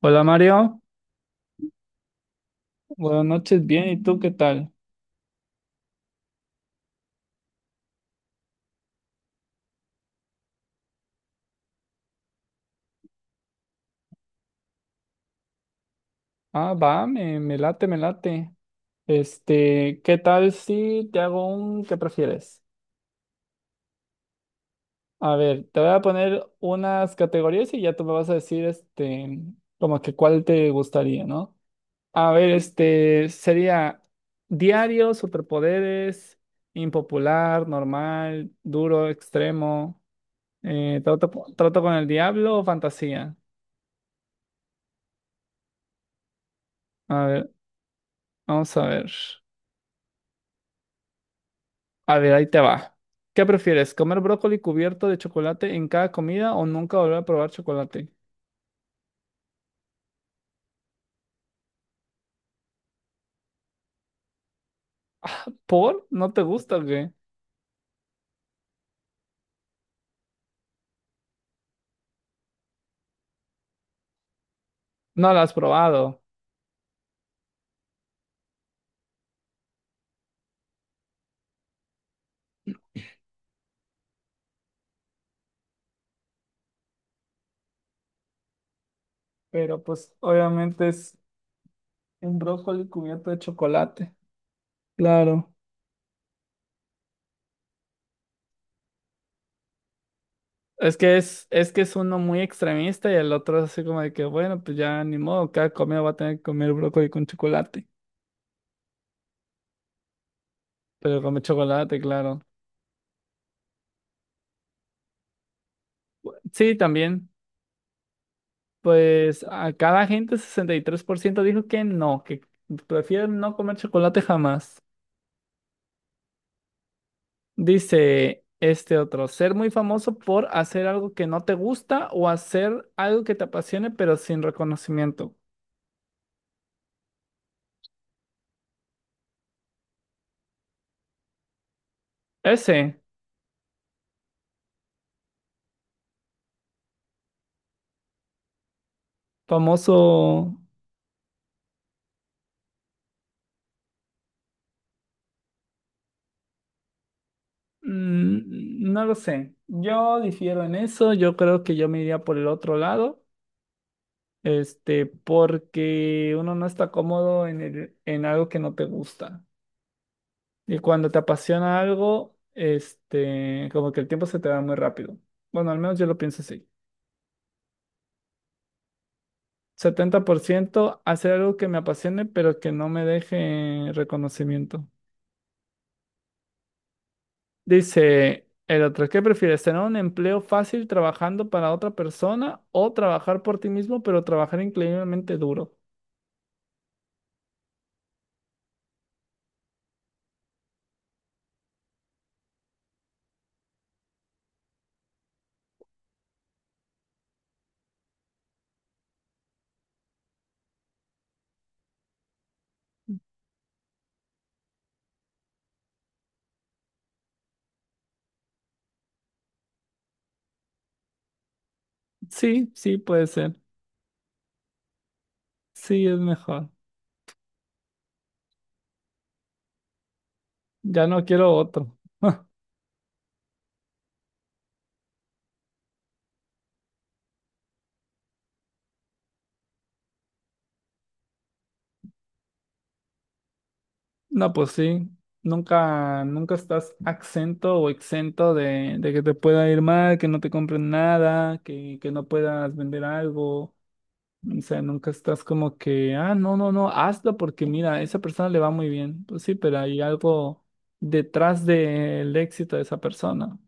Hola Mario, buenas noches, bien, ¿y tú qué tal? Ah, va, me late, me late. Este, ¿qué tal si te hago un qué prefieres? A ver, te voy a poner unas categorías y ya tú me vas a decir, este, como que cuál te gustaría, ¿no? A ver, este, sería diario, superpoderes, impopular, normal, duro, extremo, trato, trato con el diablo o fantasía. A ver, vamos a ver. A ver, ahí te va. ¿Qué prefieres? ¿Comer brócoli cubierto de chocolate en cada comida o nunca volver a probar chocolate? ¿Por? ¿No te gusta o qué? No lo has probado. Pero pues obviamente es un brócoli cubierto de chocolate. Claro. Es que es uno muy extremista y el otro es así como de que, bueno, pues ya ni modo, cada comida va a tener que comer brócoli con chocolate. Pero come chocolate, claro. Sí, también. Pues acá la gente, 63% dijo que no, que prefieren no comer chocolate jamás. Dice este otro, ser muy famoso por hacer algo que no te gusta o hacer algo que te apasione pero sin reconocimiento. Ese famoso, no lo sé. Yo difiero en eso, yo creo que yo me iría por el otro lado, este, porque uno no está cómodo en en algo que no te gusta. Y cuando te apasiona algo, este, como que el tiempo se te va muy rápido. Bueno, al menos yo lo pienso así. 70% hacer algo que me apasione, pero que no me deje reconocimiento. Dice el otro, ¿qué prefieres? ¿Tener un empleo fácil trabajando para otra persona o trabajar por ti mismo, pero trabajar increíblemente duro? Sí, sí, puede ser. Sí, es mejor. Ya no quiero otro. No, pues sí, nunca, nunca estás exento o exento de que te pueda ir mal, que no te compren nada, que no puedas vender algo. O sea, nunca estás como que, ah, no, no, no, hazlo porque mira, a esa persona le va muy bien. Pues sí, pero hay algo detrás del éxito de esa persona.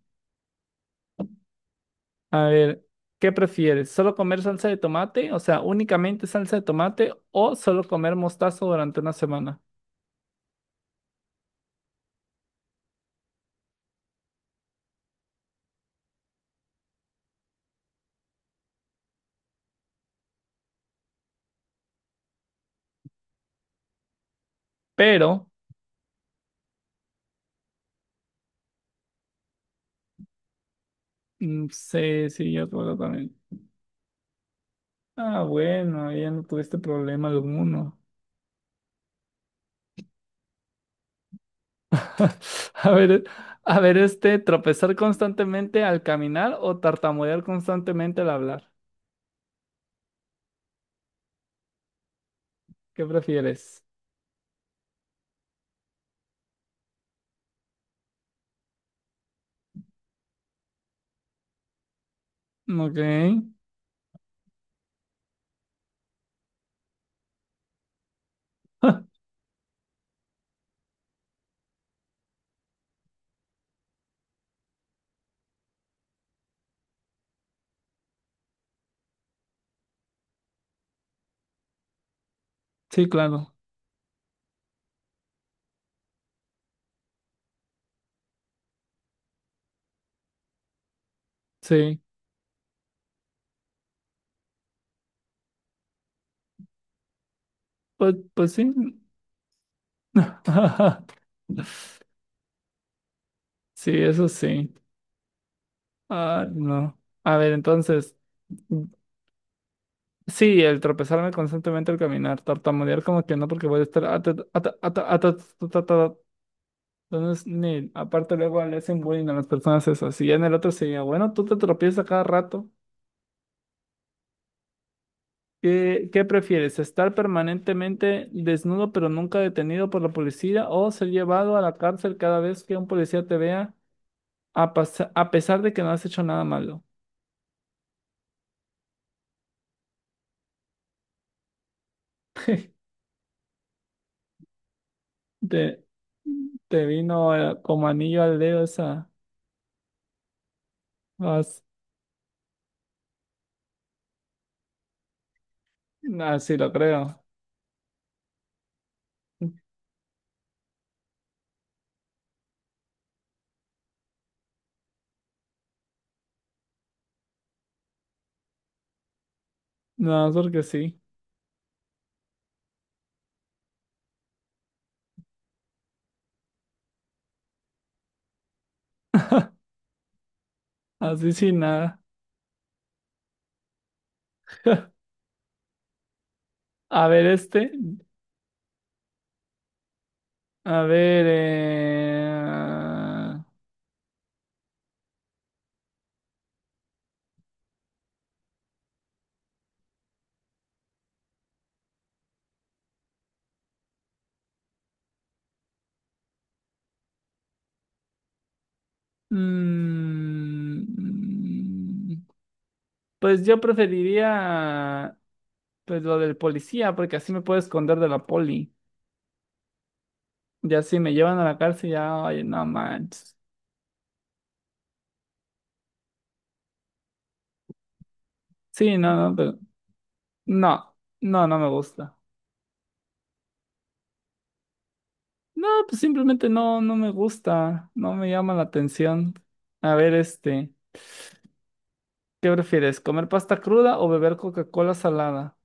A ver, ¿qué prefieres? ¿Solo comer salsa de tomate? O sea, únicamente salsa de tomate o solo comer mostazo durante una semana. Pero, sí, sí, yo creo que también. Ah, bueno, ya no tuviste problema alguno. A ver, a ver, este, tropezar constantemente al caminar o tartamudear constantemente al hablar. ¿Qué prefieres? Ok. Sí, claro. Sí. Pues, pues sí. Sí, eso sí. Ah, no. A ver, entonces, mm, sí, el tropezarme constantemente al caminar, tartamudear como que no, porque voy a estar. Entonces, aparte luego le hacen bullying a las personas esas. Y ya en el otro sería, bueno, tú te tropiezas cada rato. ¿Qué, qué prefieres? ¿Estar permanentemente desnudo pero nunca detenido por la policía o ser llevado a la cárcel cada vez que un policía te vea a pesar de que no has hecho nada malo? Te, te vino como anillo al dedo esa. As- Así lo creo. Nada más porque sí. Así sin nada. A ver este. A ver. Mm, pues yo preferiría pues lo del policía, porque así me puedo esconder de la poli. Ya si me llevan a la cárcel, ya, ay, no manches. Sí, no, no, pero no, no, no me gusta. No, pues simplemente no, no me gusta, no me llama la atención. A ver, este, ¿qué prefieres? ¿Comer pasta cruda o beber Coca-Cola salada?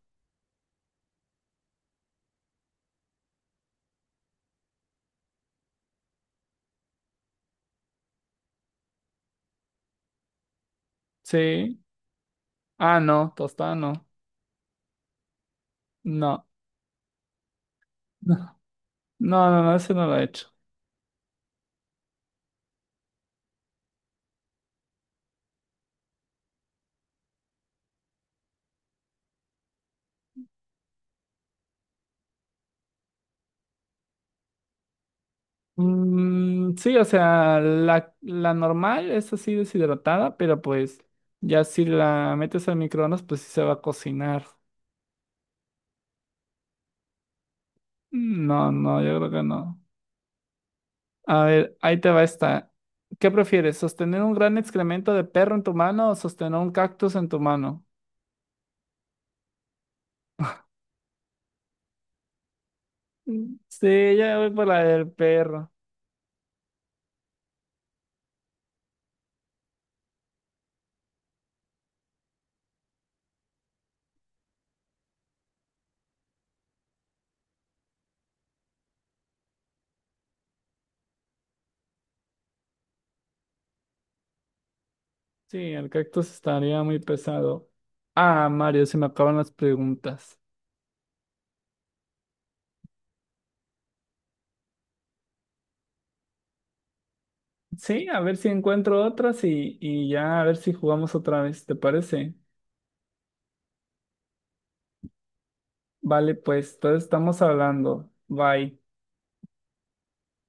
Sí. Ah, no, tostada no. No. No, no, no, ese no lo he hecho. Mm, sí, o sea, la normal es así deshidratada, pero pues ya si la metes al microondas, pues sí se va a cocinar. No, no, yo creo que no. A ver, ahí te va esta. ¿Qué prefieres? ¿Sostener un gran excremento de perro en tu mano o sostener un cactus en tu mano? Mm, sí, ya voy por la del perro. Sí, el cactus estaría muy pesado. Ah, Mario, se me acaban las preguntas. Sí, a ver si encuentro otras y ya a ver si jugamos otra vez, ¿te parece? Vale, pues, entonces estamos hablando. Bye.